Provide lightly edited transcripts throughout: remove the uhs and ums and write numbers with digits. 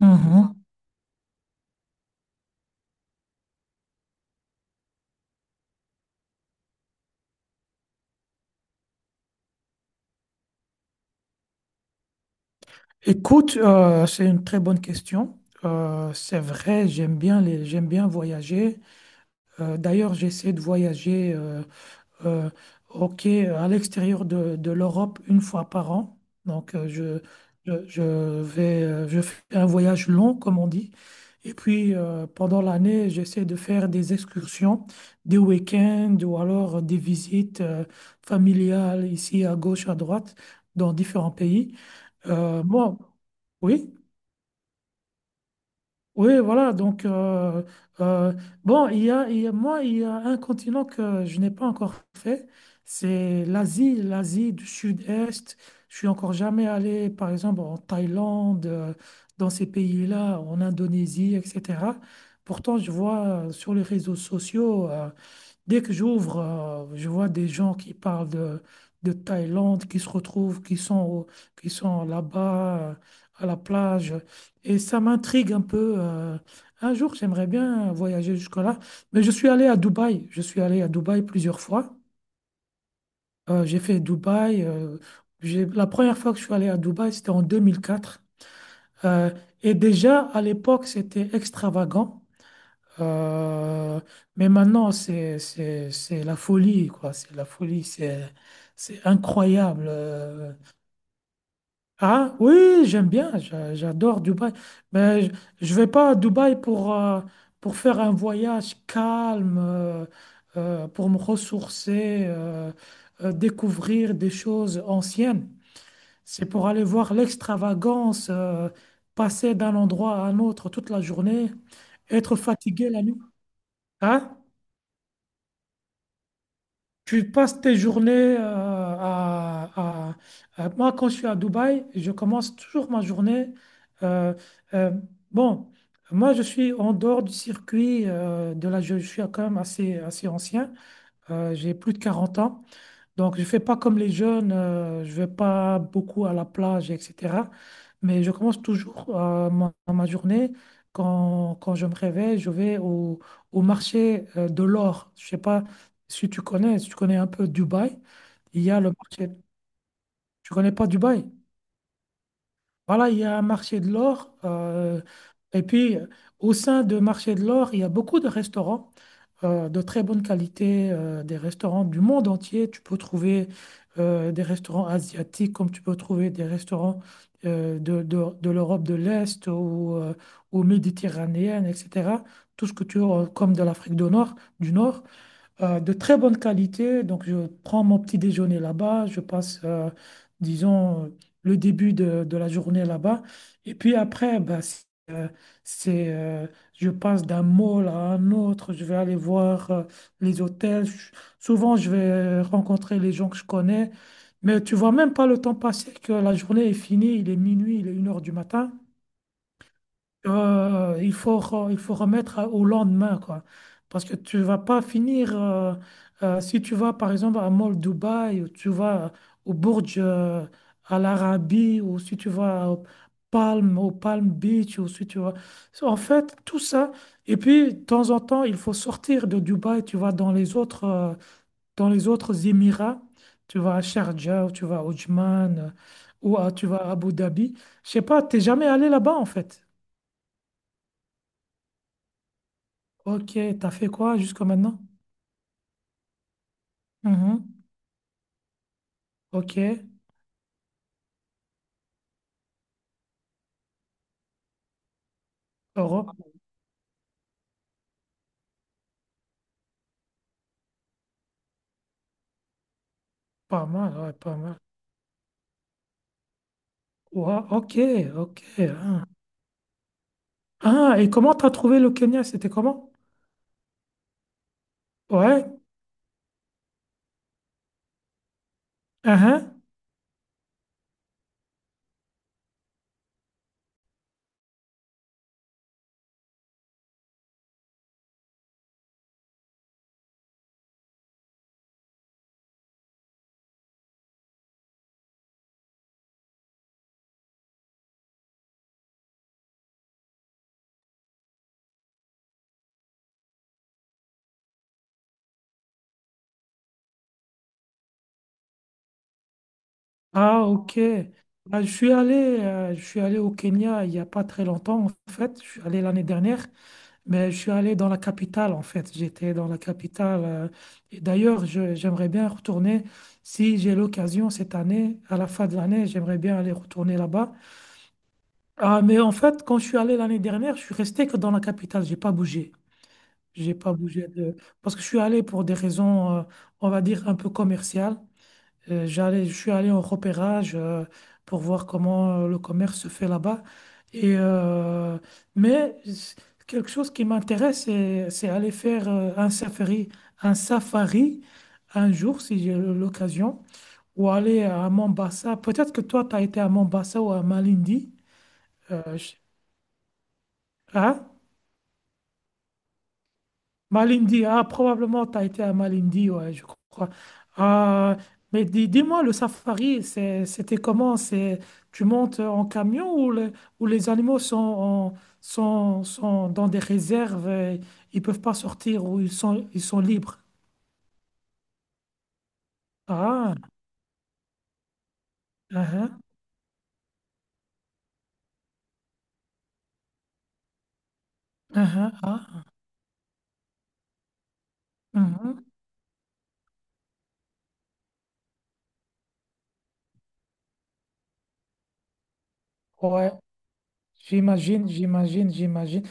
Mhm. Écoute, c'est une très bonne question. C'est vrai, j'aime bien voyager. D'ailleurs, j'essaie de voyager euh, ok, à l'extérieur de l'Europe une fois par an. Donc, je, je je fais un voyage long, comme on dit. Et puis, pendant l'année, j'essaie de faire des excursions, des week-ends ou alors des visites familiales ici à gauche, à droite, dans différents pays. Moi, oui, oui, voilà. Donc, euh, bon, moi, il y a un continent que je n'ai pas encore fait. C'est l'Asie, l'Asie du Sud-Est. Je suis encore jamais allé, par exemple, en Thaïlande, dans ces pays-là, en Indonésie, etc. Pourtant, je vois sur les réseaux sociaux dès que j'ouvre, je vois des gens qui parlent de Thaïlande, qui se retrouvent, qui sont, qui sont là-bas, à la plage. Et ça m'intrigue un peu. Un jour, j'aimerais bien voyager jusque-là. Mais je suis allé à Dubaï. Je suis allé à Dubaï plusieurs fois. J'ai fait Dubaï. La première fois que je suis allé à Dubaï, c'était en 2004. Euh, et déjà, à l'époque, c'était extravagant. Euh, mais maintenant, c'est la folie, quoi. C'est la folie, c'est incroyable. Ah oui, j'aime bien, j'adore Dubaï. Mais je vais pas à Dubaï pour faire un voyage calme, pour me ressourcer, découvrir des choses anciennes. C'est pour aller voir l'extravagance, passer d'un endroit à un autre toute la journée, être fatigué la nuit. Hein. Tu passes tes journées à- Moi, quand je suis à Dubaï, je commence toujours ma journée. euh, euh, bon, moi, je suis en dehors du circuit Je suis quand même assez, assez ancien. J'ai plus de 40 ans. Donc, je ne fais pas comme les jeunes, je ne vais pas beaucoup à la plage, etc. Mais je commence toujours ma journée. Quand je me réveille, je vais au marché de l'or. Je ne sais pas si tu connais un peu Dubaï. Il y a le marché. Tu connais pas Dubaï? Voilà, il y a un marché de l'or. Et puis, au sein de marché de l'or, il y a beaucoup de restaurants de très bonne qualité, des restaurants du monde entier. Tu peux trouver des restaurants asiatiques comme tu peux trouver des restaurants de l'Europe de l'Est ou méditerranéenne, etc. Tout ce que tu as, comme de l'Afrique du Nord, de très bonne qualité. Donc, je prends mon petit déjeuner là-bas, je passe, disons, le début de la journée là-bas. Et puis après, bah, si c'est, je passe d'un mall à un autre, je vais aller voir les hôtels. Souvent, je vais rencontrer les gens que je connais, mais tu vois même pas le temps passer que la journée est finie, il est minuit, il est 1 heure du matin. Il faut remettre au lendemain, quoi. Parce que tu vas pas finir, si tu vas par exemple à Mall Dubaï, ou tu vas au Burj, à l'Arabie, ou si tu vas au Palm Beach, ou si tu vas. En fait, tout ça. Et puis, de temps en temps, il faut sortir de Dubaï, tu vas dans les autres Émirats, tu vas à Sharjah, ou tu vas à Oman, ou tu vas à Abu Dhabi. Je sais pas, t'es jamais allé là-bas, en fait. Ok, t'as fait quoi jusqu'à maintenant? Mhm. Ok, Europe, pas mal, ouais, pas mal. Ouah, ok, ok. Ah. Ah, et comment t'as trouvé le Kenya? C'était comment? Ouais, uhum. Ah, ok. Ah, je suis allé, au Kenya il n'y a pas très longtemps, en fait. Je suis allé l'année dernière, mais je suis allé dans la capitale, en fait. J'étais dans la capitale. Et d'ailleurs, j'aimerais bien retourner, si j'ai l'occasion cette année, à la fin de l'année, j'aimerais bien aller retourner là-bas. Ah, mais en fait, quand je suis allé l'année dernière, je suis resté que dans la capitale. J'ai pas bougé. J'ai pas bougé de... Parce que je suis allé pour des raisons, on va dire, un peu commerciales. Je suis allé en repérage, pour voir comment le commerce se fait là-bas. Et, mais c- quelque chose qui m'intéresse, c'est aller faire un safari un jour, si j'ai l'occasion, ou aller à Mombasa. Peut-être que toi, tu as été à Mombasa ou à Malindi. Euh, je- hein. Malindi, ah, probablement tu as été à Malindi, ouais, je crois. Ah, mais dis-moi, le safari, c'était comment? C'est, tu montes en camion ou les animaux sont dans des réserves, et ils peuvent pas sortir ou ils sont libres? Ah, ah, ah, ah, ah, mhm. Ouais, j'imagine, j'imagine, j'imagine.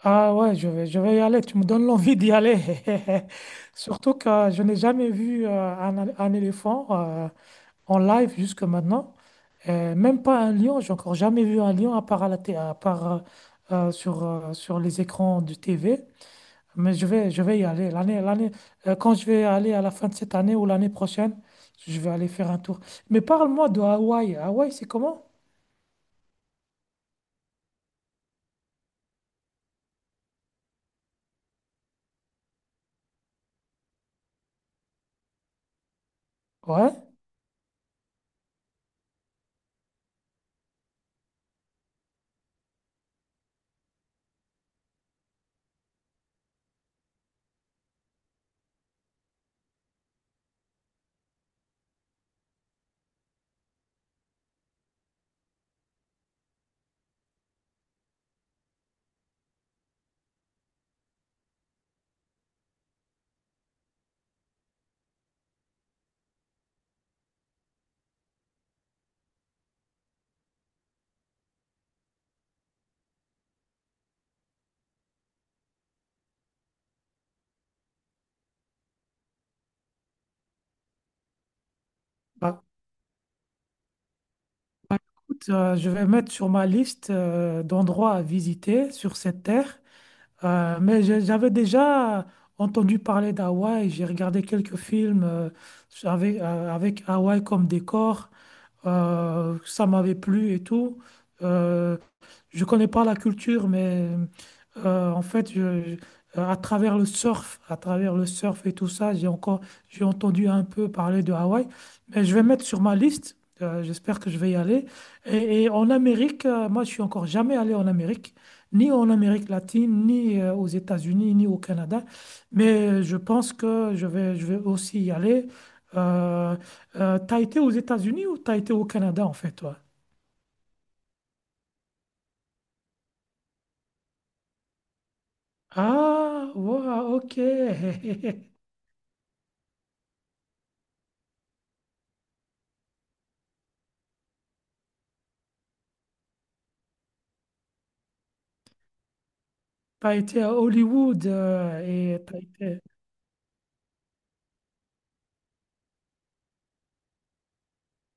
Ah ouais, je vais y aller, tu me donnes l'envie d'y aller. Surtout que je n'ai jamais vu un éléphant. En live jusque maintenant. Même pas un lion, j'ai encore jamais vu un lion à part, à part sur les écrans du TV. Mais je vais y aller. Quand je vais aller à la fin de cette année ou l'année prochaine, je vais aller faire un tour. Mais parle-moi de Hawaï. Hawaï, c'est comment? Ouais. Bah, Bah, écoute, je vais mettre sur ma liste d'endroits à visiter sur cette terre. J'avais déjà entendu parler d'Hawaï, j'ai regardé quelques films avec Hawaï comme décor. Ça m'avait plu et tout. Euh, je connais pas la culture, mais en fait, à travers le surf, et tout ça, j'ai entendu un peu parler de Hawaï, mais je vais mettre sur ma liste. J'espère que je vais y aller. Et, en Amérique, moi, je suis encore jamais allé en Amérique, ni en Amérique latine, ni aux États-Unis, ni au Canada. Mais je pense que je vais aussi y aller. Euh, t'as été aux États-Unis ou t'as été au Canada, en fait, toi? Ah, wow, ok. T'as été à Hollywood et t'as été...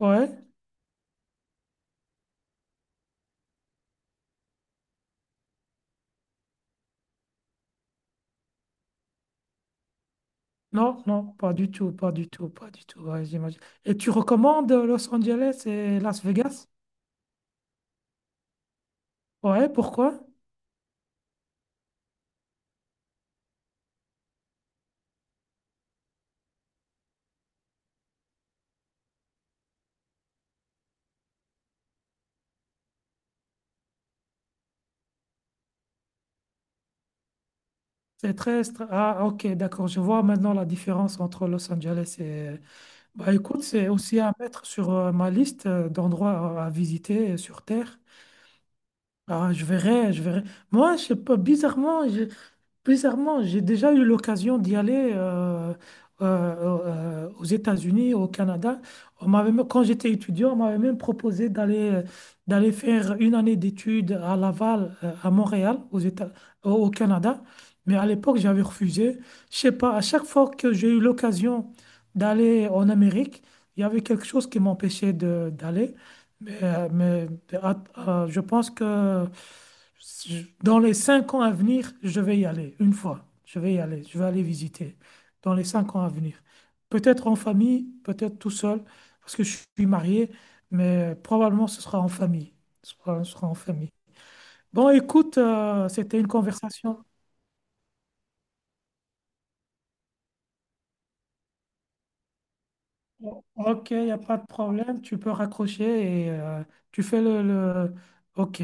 Ouais? Non, non, pas du tout, pas du tout, pas du tout. Ouais, j'imagine. Et tu recommandes Los Angeles et Las Vegas? Ouais, pourquoi? Ah, ok, d'accord. Je vois maintenant la différence entre Los Angeles et... Bah écoute, c'est aussi à mettre sur ma liste d'endroits à visiter sur Terre. Ah, je verrai, je verrai. Moi, je sais pas, Bizarrement, j'ai déjà eu l'occasion d'y aller aux États-Unis, au Canada. Quand j'étais étudiant, on m'avait même proposé d'aller faire une année d'études à Laval, à Montréal, au Canada. Mais à l'époque, j'avais refusé. Je sais pas, à chaque fois que j'ai eu l'occasion d'aller en Amérique, il y avait quelque chose qui m'empêchait de d'aller. Mais à- je pense que dans les 5 ans à venir, je vais y aller, une fois. Je vais y aller, je vais aller visiter dans les 5 ans à venir. Peut-être en famille, peut-être tout seul, parce que je suis marié, mais probablement ce sera en famille. Ce sera en famille. Bon, écoute, c'était une conversation. Ok, il n'y a pas de problème, tu peux raccrocher et tu fais le... Ok,